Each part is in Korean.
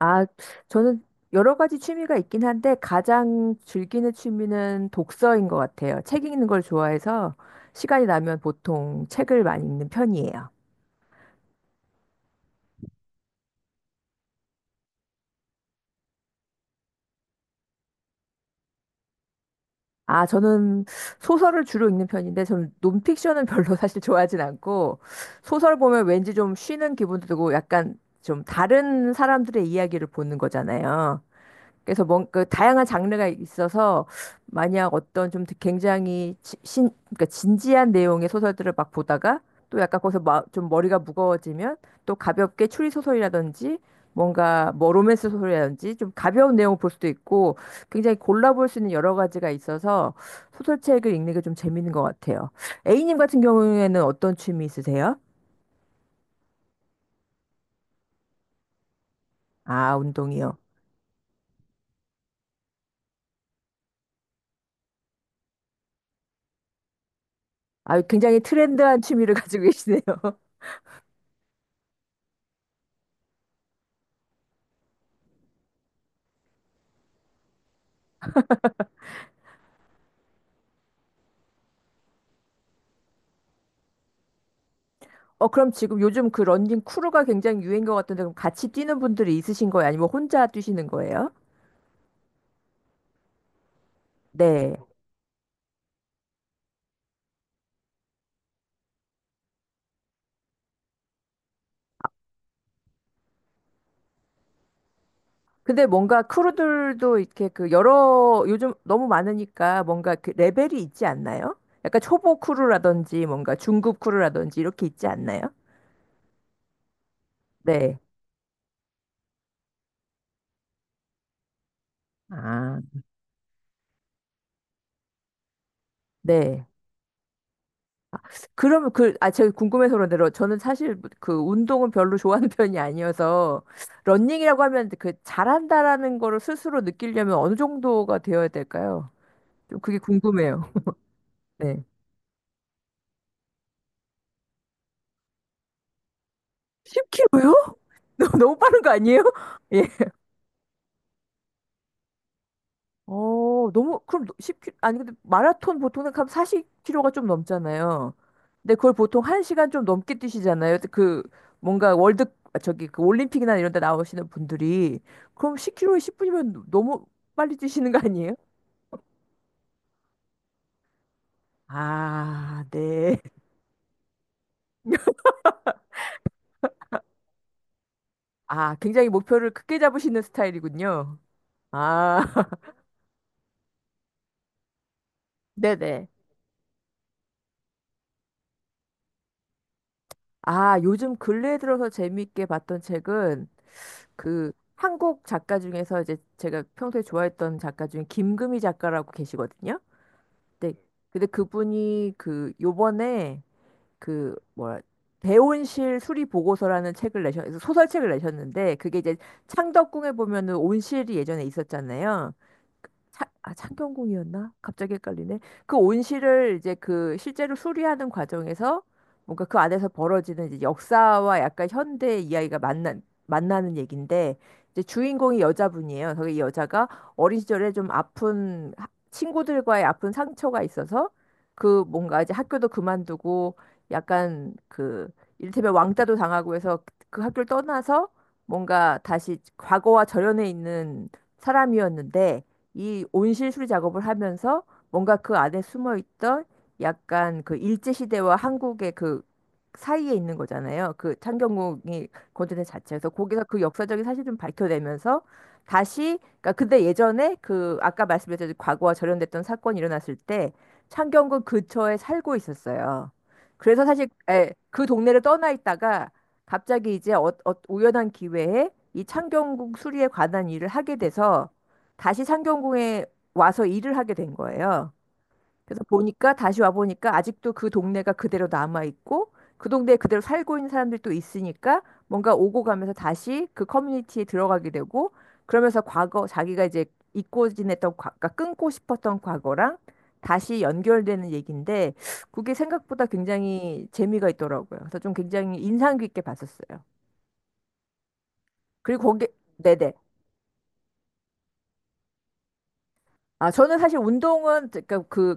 아, 저는 여러 가지 취미가 있긴 한데 가장 즐기는 취미는 독서인 것 같아요. 책 읽는 걸 좋아해서 시간이 나면 보통 책을 많이 읽는 편이에요. 아, 저는 소설을 주로 읽는 편인데 저는 논픽션은 별로 사실 좋아하진 않고 소설 보면 왠지 좀 쉬는 기분도 들고 약간 좀 다른 사람들의 이야기를 보는 거잖아요. 그래서 뭔그 다양한 장르가 있어서 만약 어떤 좀 굉장히 지- 신 그러니까 진지한 내용의 소설들을 막 보다가 또 약간 거기서 좀 머리가 무거워지면 또 가볍게 추리 소설이라든지 뭔가 뭐 로맨스 소설이라든지 좀 가벼운 내용을 볼 수도 있고 굉장히 골라볼 수 있는 여러 가지가 있어서 소설책을 읽는 게 좀 재밌는 것 같아요. A님 같은 경우에는 어떤 취미 있으세요? 아, 운동이요. 아, 굉장히 트렌드한 취미를 가지고 계시네요. 어, 그럼 지금 요즘 그 런닝 크루가 굉장히 유행인 것 같은데, 그럼 같이 뛰는 분들이 있으신 거예요? 아니면 혼자 뛰시는 거예요? 네. 근데 뭔가 크루들도 이렇게 그 여러, 요즘 너무 많으니까 뭔가 그 레벨이 있지 않나요? 약간 초보 크루라든지 뭔가 중급 크루라든지 이렇게 있지 않나요? 네. 아, 네. 그러면 그, 아, 제가 궁금해서 그런데 저는 사실 그 운동은 별로 좋아하는 편이 아니어서 런닝이라고 하면 그 잘한다라는 거를 스스로 느끼려면 어느 정도가 되어야 될까요? 좀 그게 궁금해요. 네. 10km요? 너무 빠른 거 아니에요? 예. 어, 너무, 그럼 10km, 아니, 근데 마라톤 보통 하면 40km가 좀 넘잖아요. 근데 그걸 보통 1시간 좀 넘게 뛰시잖아요. 그, 뭔가 월드, 아, 저기, 그 올림픽이나 이런 데 나오시는 분들이. 그럼 10km에 10분이면 너무 빨리 뛰시는 거 아니에요? 아, 네. 아, 굉장히 목표를 크게 잡으시는 스타일이군요. 아, 네네. 아, 요즘 근래에 들어서 재미있게 봤던 책은 그 한국 작가 중에서 이제 제가 평소에 좋아했던 작가 중에 김금희 작가라고 계시거든요. 근데, 근데 그분이 그 요번에 그 뭐라 대온실 수리 보고서라는 책을 내셨 소설책을 내셨는데 그게 이제 창덕궁에 보면은 온실이 예전에 있었잖아요. 그 창경궁이었나? 갑자기 헷갈리네. 그 온실을 이제 그 실제로 수리하는 과정에서 뭔가 그 안에서 벌어지는 이제 역사와 약간 현대 이야기가 만나는 얘기인데 이제 주인공이 여자분이에요. 그래서 이 여자가 어린 시절에 좀 아픈 친구들과의 아픈 상처가 있어서 그 뭔가 이제 학교도 그만두고 약간 그 이를테면 왕따도 당하고 해서 그 학교를 떠나서 뭔가 다시 과거와 절연해 있는 사람이었는데 이 온실 수리 작업을 하면서 뭔가 그 안에 숨어 있던 약간 그 일제 시대와 한국의 그 사이에 있는 거잖아요. 그 창경궁이 건드린 자체에서 거기서 그 역사적인 사실 좀 밝혀내면서 다시 그러니까 근데 예전에 그 아까 말씀드렸듯이 과거와 절연됐던 사건이 일어났을 때 창경궁 근처에 살고 있었어요. 그래서 사실 예, 그 동네를 떠나 있다가 갑자기 이제 우연한 기회에 이 창경궁 수리에 관한 일을 하게 돼서 다시 창경궁에 와서 일을 하게 된 거예요. 그래서 보니까 다시 와 보니까 아직도 그 동네가 그대로 남아 있고 그 동네에 그대로 살고 있는 사람들이 또 있으니까 뭔가 오고 가면서 다시 그 커뮤니티에 들어가게 되고 그러면서 과거 자기가 이제 잊고 지냈던 과, 그 끊고 싶었던 과거랑 다시 연결되는 얘기인데 그게 생각보다 굉장히 재미가 있더라고요. 그래서 좀 굉장히 인상 깊게 봤었어요. 그리고 거기 네네. 아, 저는 사실 운동은, 그러니까 그,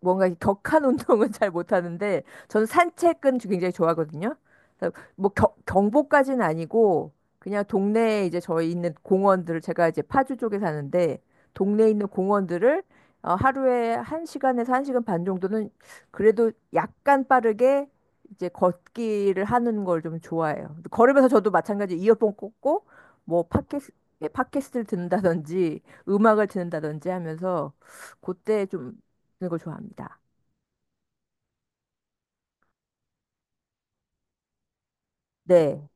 뭔가 격한 운동은 잘 못하는데, 저는 산책은 굉장히 좋아하거든요. 그래서 뭐 경보까지는 아니고, 그냥 동네에 이제 저희 있는 공원들을, 제가 이제 파주 쪽에 사는데, 동네에 있는 공원들을 어, 하루에 한시간에서한시간반 정도는 그래도 약간 빠르게 이제 걷기를 하는 걸 좀 좋아해요. 걸으면서 저도 마찬가지 이어폰 꽂고, 뭐 팟캐스트를 듣는다든지, 음악을 듣는다든지 하면서 그때 좀 듣는 걸 좋아합니다. 네.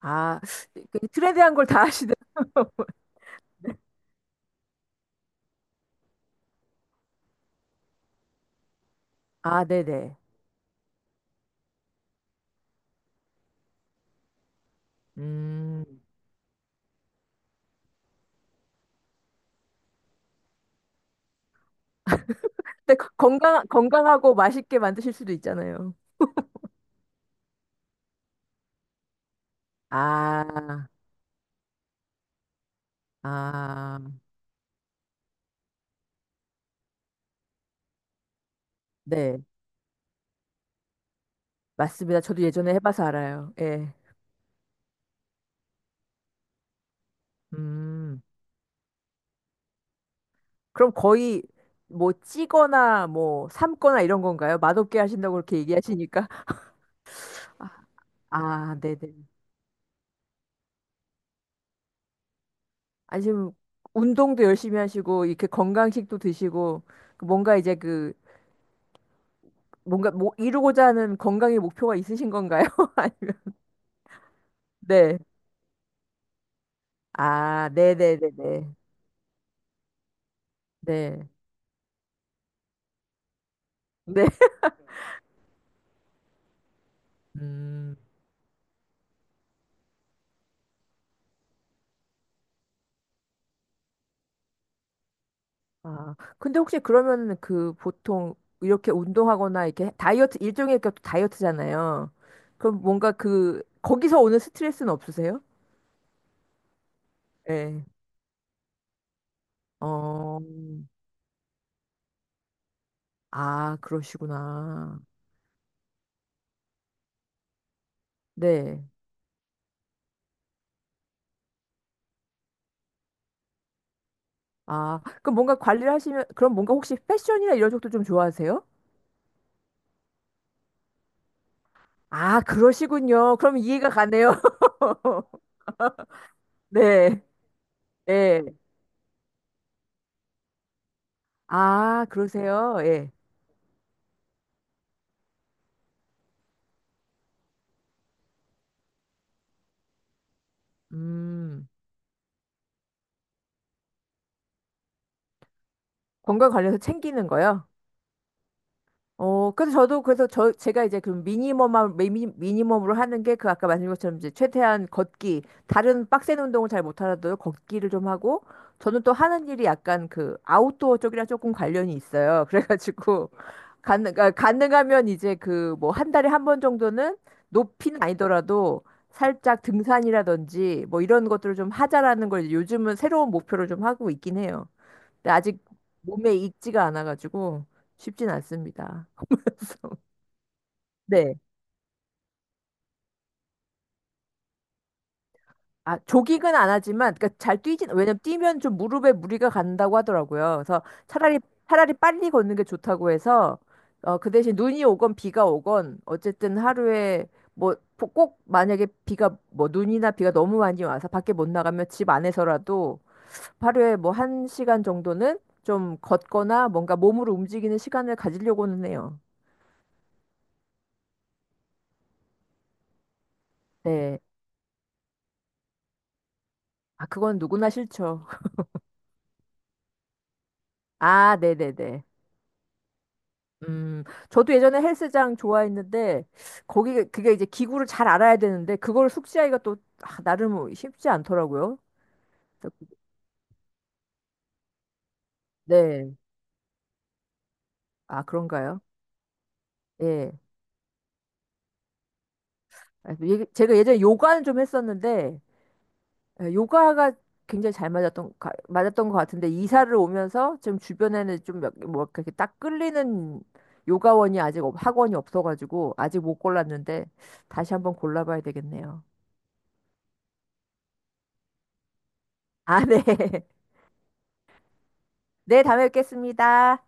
아, 그 트렌디한 걸 다 하시네. 아, 네네. 음. 근데 그 건강하고 맛있게 만드실 수도 있잖아요. 아, 아, 네. 맞습니다. 저도 예전에 해봐서 알아요. 예. 음. 그럼 거의 뭐 찌거나 뭐 삶거나 이런 건가요? 맛없게 하신다고 그렇게 얘기하시니까. 아, 네네. 아니, 지금 운동도 열심히 하시고, 이렇게 건강식도 드시고, 그 뭔가 이제 그, 뭔가 뭐 이루고자 하는 건강의 목표가 있으신 건가요? 아니면, 네. 아, 네네네네. 네. 네. 음. 아, 근데 혹시 그러면 그 보통 이렇게 운동하거나 이렇게 다이어트, 일종의 그 다이어트잖아요. 그럼 뭔가 그, 거기서 오는 스트레스는 없으세요? 네. 어, 아, 그러시구나. 네. 아, 그럼 뭔가 관리를 하시면, 그럼 뭔가 혹시 패션이나 이런 쪽도 좀 좋아하세요? 아, 그러시군요. 그럼 이해가 가네요. 네, 네. 아, 그러세요. 예. 음, 건강 관련해서 챙기는 거요? 어, 그래서 저도 그래서 저 제가 이제 그 미니멈한 미니멈으로 하는 게 그 아까 말씀드린 것처럼 이제 최대한 걷기 다른 빡센 운동을 잘 못하더라도 걷기를 좀 하고 저는 또 하는 일이 약간 그 아웃도어 쪽이랑 조금 관련이 있어요. 그래가지고 가능하면 이제 그 뭐 한 달에 한 번 정도는 높이는 아니더라도 살짝 등산이라든지 뭐 이런 것들을 좀 하자라는 걸 이제 요즘은 새로운 목표를 좀 하고 있긴 해요. 근데 아직 몸에 익지가 않아가지고 쉽진 않습니다. 네. 아, 조깅은 안 하지만, 그러니까 잘 뛰진, 왜냐면 뛰면 좀 무릎에 무리가 간다고 하더라고요. 그래서 차라리, 차라리 빨리 걷는 게 좋다고 해서, 어, 그 대신 눈이 오건 비가 오건, 어쨌든 하루에, 뭐, 꼭 만약에 비가, 뭐, 눈이나 비가 너무 많이 와서 밖에 못 나가면 집 안에서라도 하루에 뭐, 한 시간 정도는 좀 걷거나 뭔가 몸으로 움직이는 시간을 가지려고는 해요. 네. 아, 그건 누구나 싫죠. 아, 네네네. 음, 저도 예전에 헬스장 좋아했는데, 거기, 그게 이제 기구를 잘 알아야 되는데, 그걸 숙지하기가 또, 아, 나름 쉽지 않더라고요. 네. 아, 그런가요? 예. 아, 예- 제가 예전에 요가는 좀 했었는데, 예, 요가가 굉장히 잘 맞았던 것 같은데, 이사를 오면서 지금 주변에는 좀 몇, 뭐, 이렇게 딱 끌리는 요가원이 아직, 학원이 없어가지고, 아직 못 골랐는데, 다시 한번 골라봐야 되겠네요. 아, 네. 네, 다음에 뵙겠습니다.